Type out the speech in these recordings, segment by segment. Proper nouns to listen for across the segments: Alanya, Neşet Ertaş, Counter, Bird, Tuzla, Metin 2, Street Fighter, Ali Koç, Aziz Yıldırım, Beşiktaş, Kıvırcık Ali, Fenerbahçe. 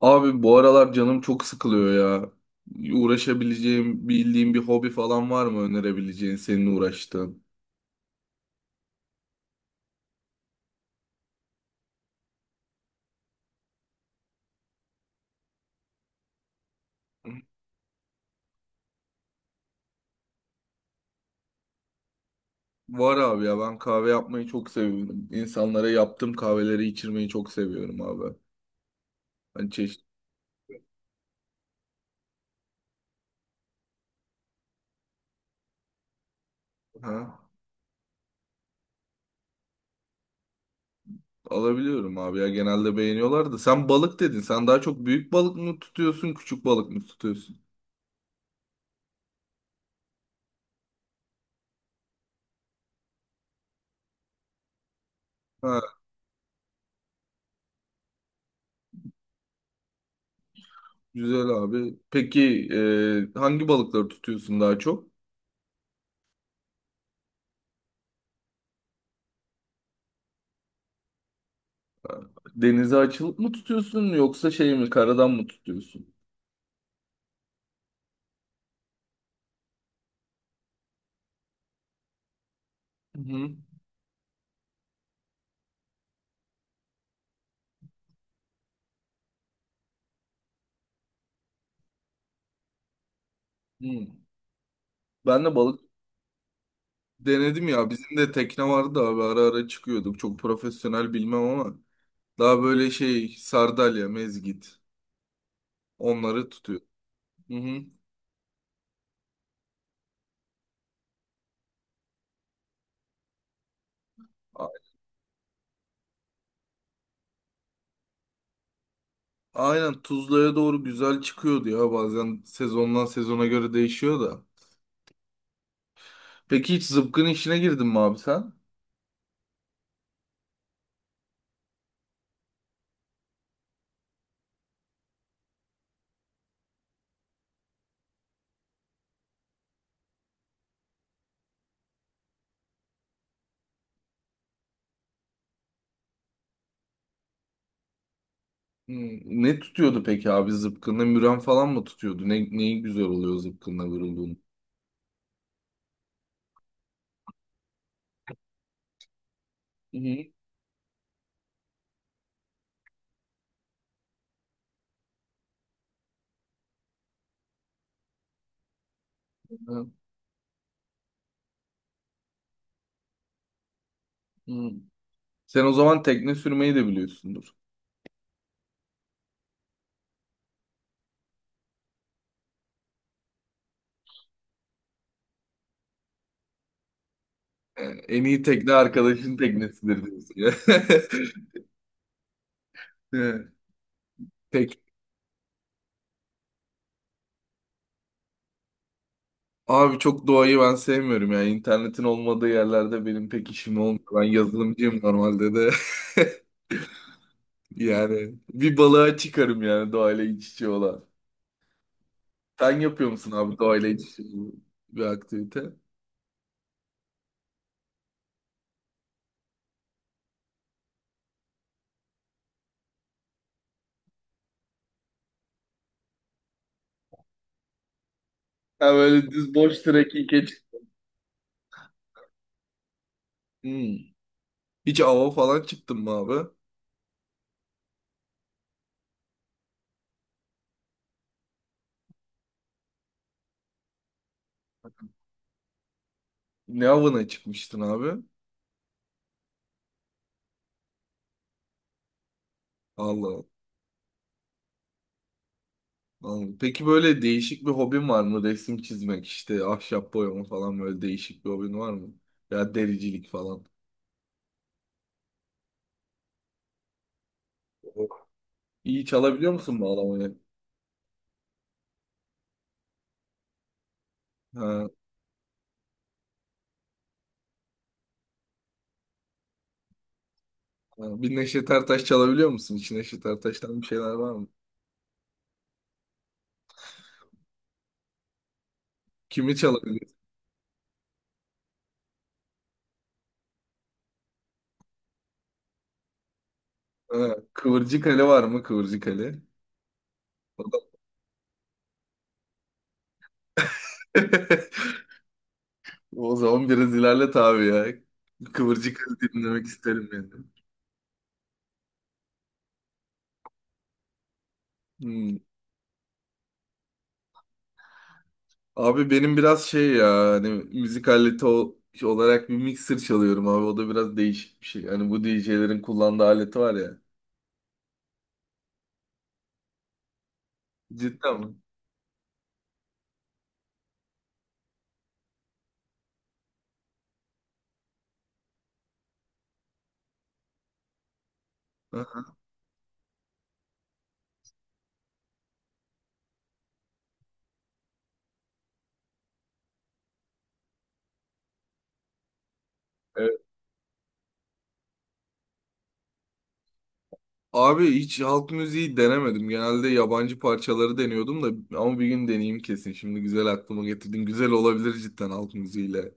Abi bu aralar canım çok sıkılıyor ya. Uğraşabileceğim, bildiğim bir hobi falan var mı önerebileceğin senin uğraştığın? Var abi ya ben kahve yapmayı çok seviyorum. İnsanlara yaptığım kahveleri içirmeyi çok seviyorum abi. Hani çeşit ha? Alabiliyorum abi ya genelde beğeniyorlar da. Sen balık dedin. Sen daha çok büyük balık mı tutuyorsun, küçük balık mı tutuyorsun? Ha, güzel abi. Peki hangi balıkları tutuyorsun daha çok? Ha, denize açılıp mı tutuyorsun yoksa şey mi karadan mı tutuyorsun? Hı hı. Hı. Ben de balık denedim ya. Bizim de tekne vardı da abi ara ara çıkıyorduk. Çok profesyonel bilmem ama daha böyle şey sardalya, mezgit onları tutuyor. Hı hı. A- aynen Tuzla'ya doğru güzel çıkıyordu ya bazen sezondan sezona göre değişiyor da. Peki hiç zıpkın işine girdin mi abi sen? Hı. Ne tutuyordu peki abi zıpkınla? Müren falan mı tutuyordu? Ne, neyi güzel oluyor zıpkınla vurulduğunu? Hı hı. Hı. Sen o zaman tekne sürmeyi de biliyorsundur. En iyi tekne arkadaşın teknesidir diyorsun ya. Evet. Pek abi çok doğayı ben sevmiyorum ya. İnternetin olmadığı yerlerde benim pek işim olmuyor. Ben yazılımcıyım normalde de. Yani bir balığa çıkarım yani doğayla iç içe olan. Sen yapıyor musun abi doğayla iç içe olan bir aktivite? Ha böyle düz boş trekking geç. Hmm. Hiç ava falan çıktın mı abi? Ne avına çıkmıştın abi? Allah. Anladım. Peki böyle değişik bir hobin var mı? Resim çizmek işte ahşap boyama falan böyle değişik bir hobin var mı? Ya dericilik falan. Yok. İyi çalabiliyor musun bağlamayı? Ha, ha. Bir Neşet Ertaş çalabiliyor musun? Hiç Neşet Ertaş'tan bir şeyler var mı? Kimi çalabiliyorsun? Ha, Kıvırcık Ali var mı? Kıvırcık Ali. O zaman biraz ilerlet abi ya. Kıvırcık Ali dinlemek isterim yani. Hmm. Abi benim biraz şey ya hani müzik aleti ol- olarak bir mixer çalıyorum abi. O da biraz değişik bir şey. Hani bu DJ'lerin kullandığı aleti var ya. Cidden mi? Aha. Evet. Abi hiç halk müziği denemedim. Genelde yabancı parçaları deniyordum da ama bir gün deneyeyim kesin. Şimdi güzel aklıma getirdin. Güzel olabilir cidden halk müziğiyle.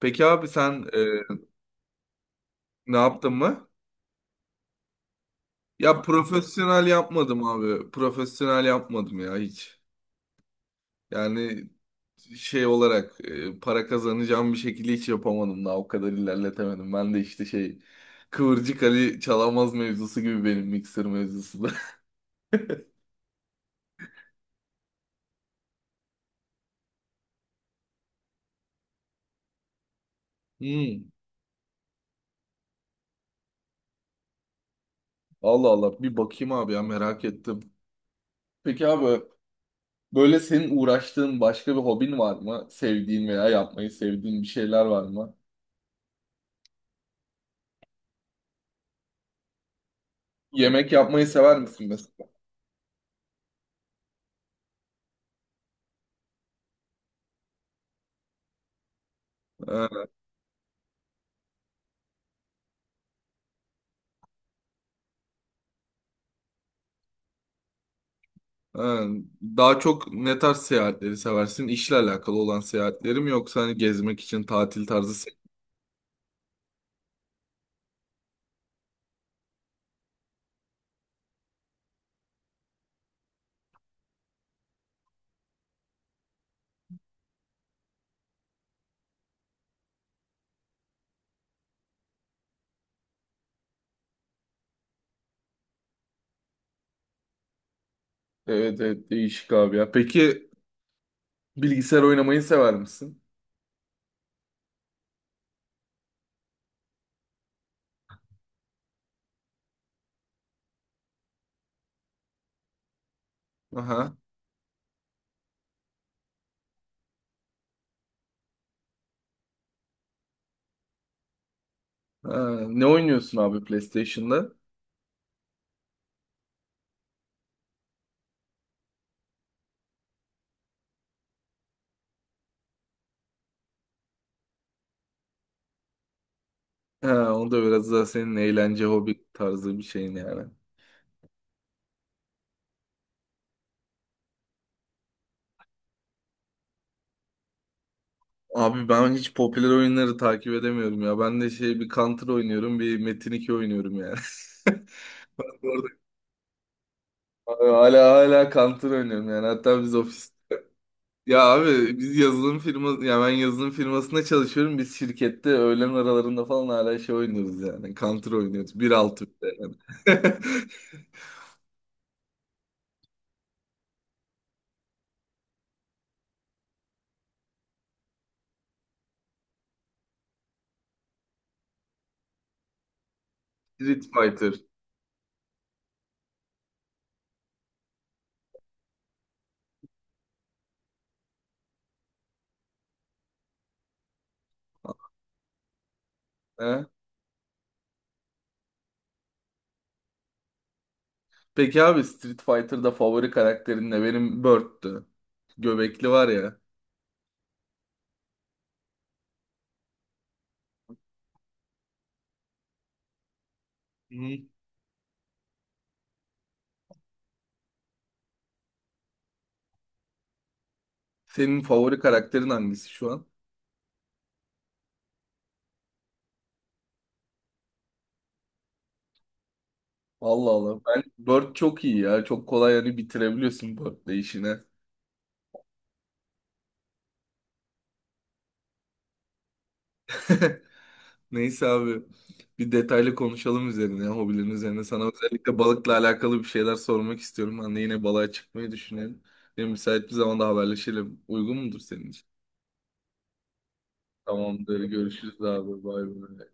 Peki abi sen ne yaptın mı? Ya profesyonel yapmadım abi. Profesyonel yapmadım ya hiç. Yani şey olarak para kazanacağım bir şekilde hiç yapamadım daha o kadar ilerletemedim. Ben de işte şey Kıvırcık Ali Çalamaz mevzusu gibi benim mikser mevzusu da. Hmm, Allah Allah bir bakayım abi ya merak ettim. Peki abi böyle senin uğraştığın başka bir hobin var mı? Sevdiğin veya yapmayı sevdiğin bir şeyler var mı? Yemek yapmayı sever misin mesela? Ha, ha. Daha çok ne tarz seyahatleri seversin? İşle alakalı olan seyahatlerim yoksa hani gezmek için tatil tarzı. Evet evet değişik abi ya. Peki bilgisayar oynamayı sever misin? Aha. Ha, ne oynuyorsun abi PlayStation'da? Ha, o da biraz daha senin eğlence hobi tarzı bir şeyin yani. Abi ben hiç popüler oyunları takip edemiyorum ya. Ben de şey bir Counter oynuyorum, bir Metin 2 oynuyorum yani. Orada hala Counter oynuyorum yani. Hatta biz ofis. Ya abi biz yazılım firması ya ben yazılım firmasında çalışıyorum. Biz şirkette öğlen aralarında falan hala şey oynuyoruz yani. Counter oynuyoruz. 1.6 bir de yani. Street Fighter. Ha, peki abi Street Fighter'da favori karakterin ne? Benim Bird'tü. Göbekli var ya. Hı. Senin favori karakterin hangisi şu an? Allah Allah. Ben Bird çok iyi ya. Çok kolay yani bitirebiliyorsun Bird'le işine. Neyse abi bir detaylı konuşalım üzerine, hobilerin üzerine. Sana özellikle balıkla alakalı bir şeyler sormak istiyorum. Hani yine balığa çıkmayı düşünelim. Benim müsait bir zamanda haberleşelim. Uygun mudur senin için? Tamamdır. Görüşürüz abi. Bay bay.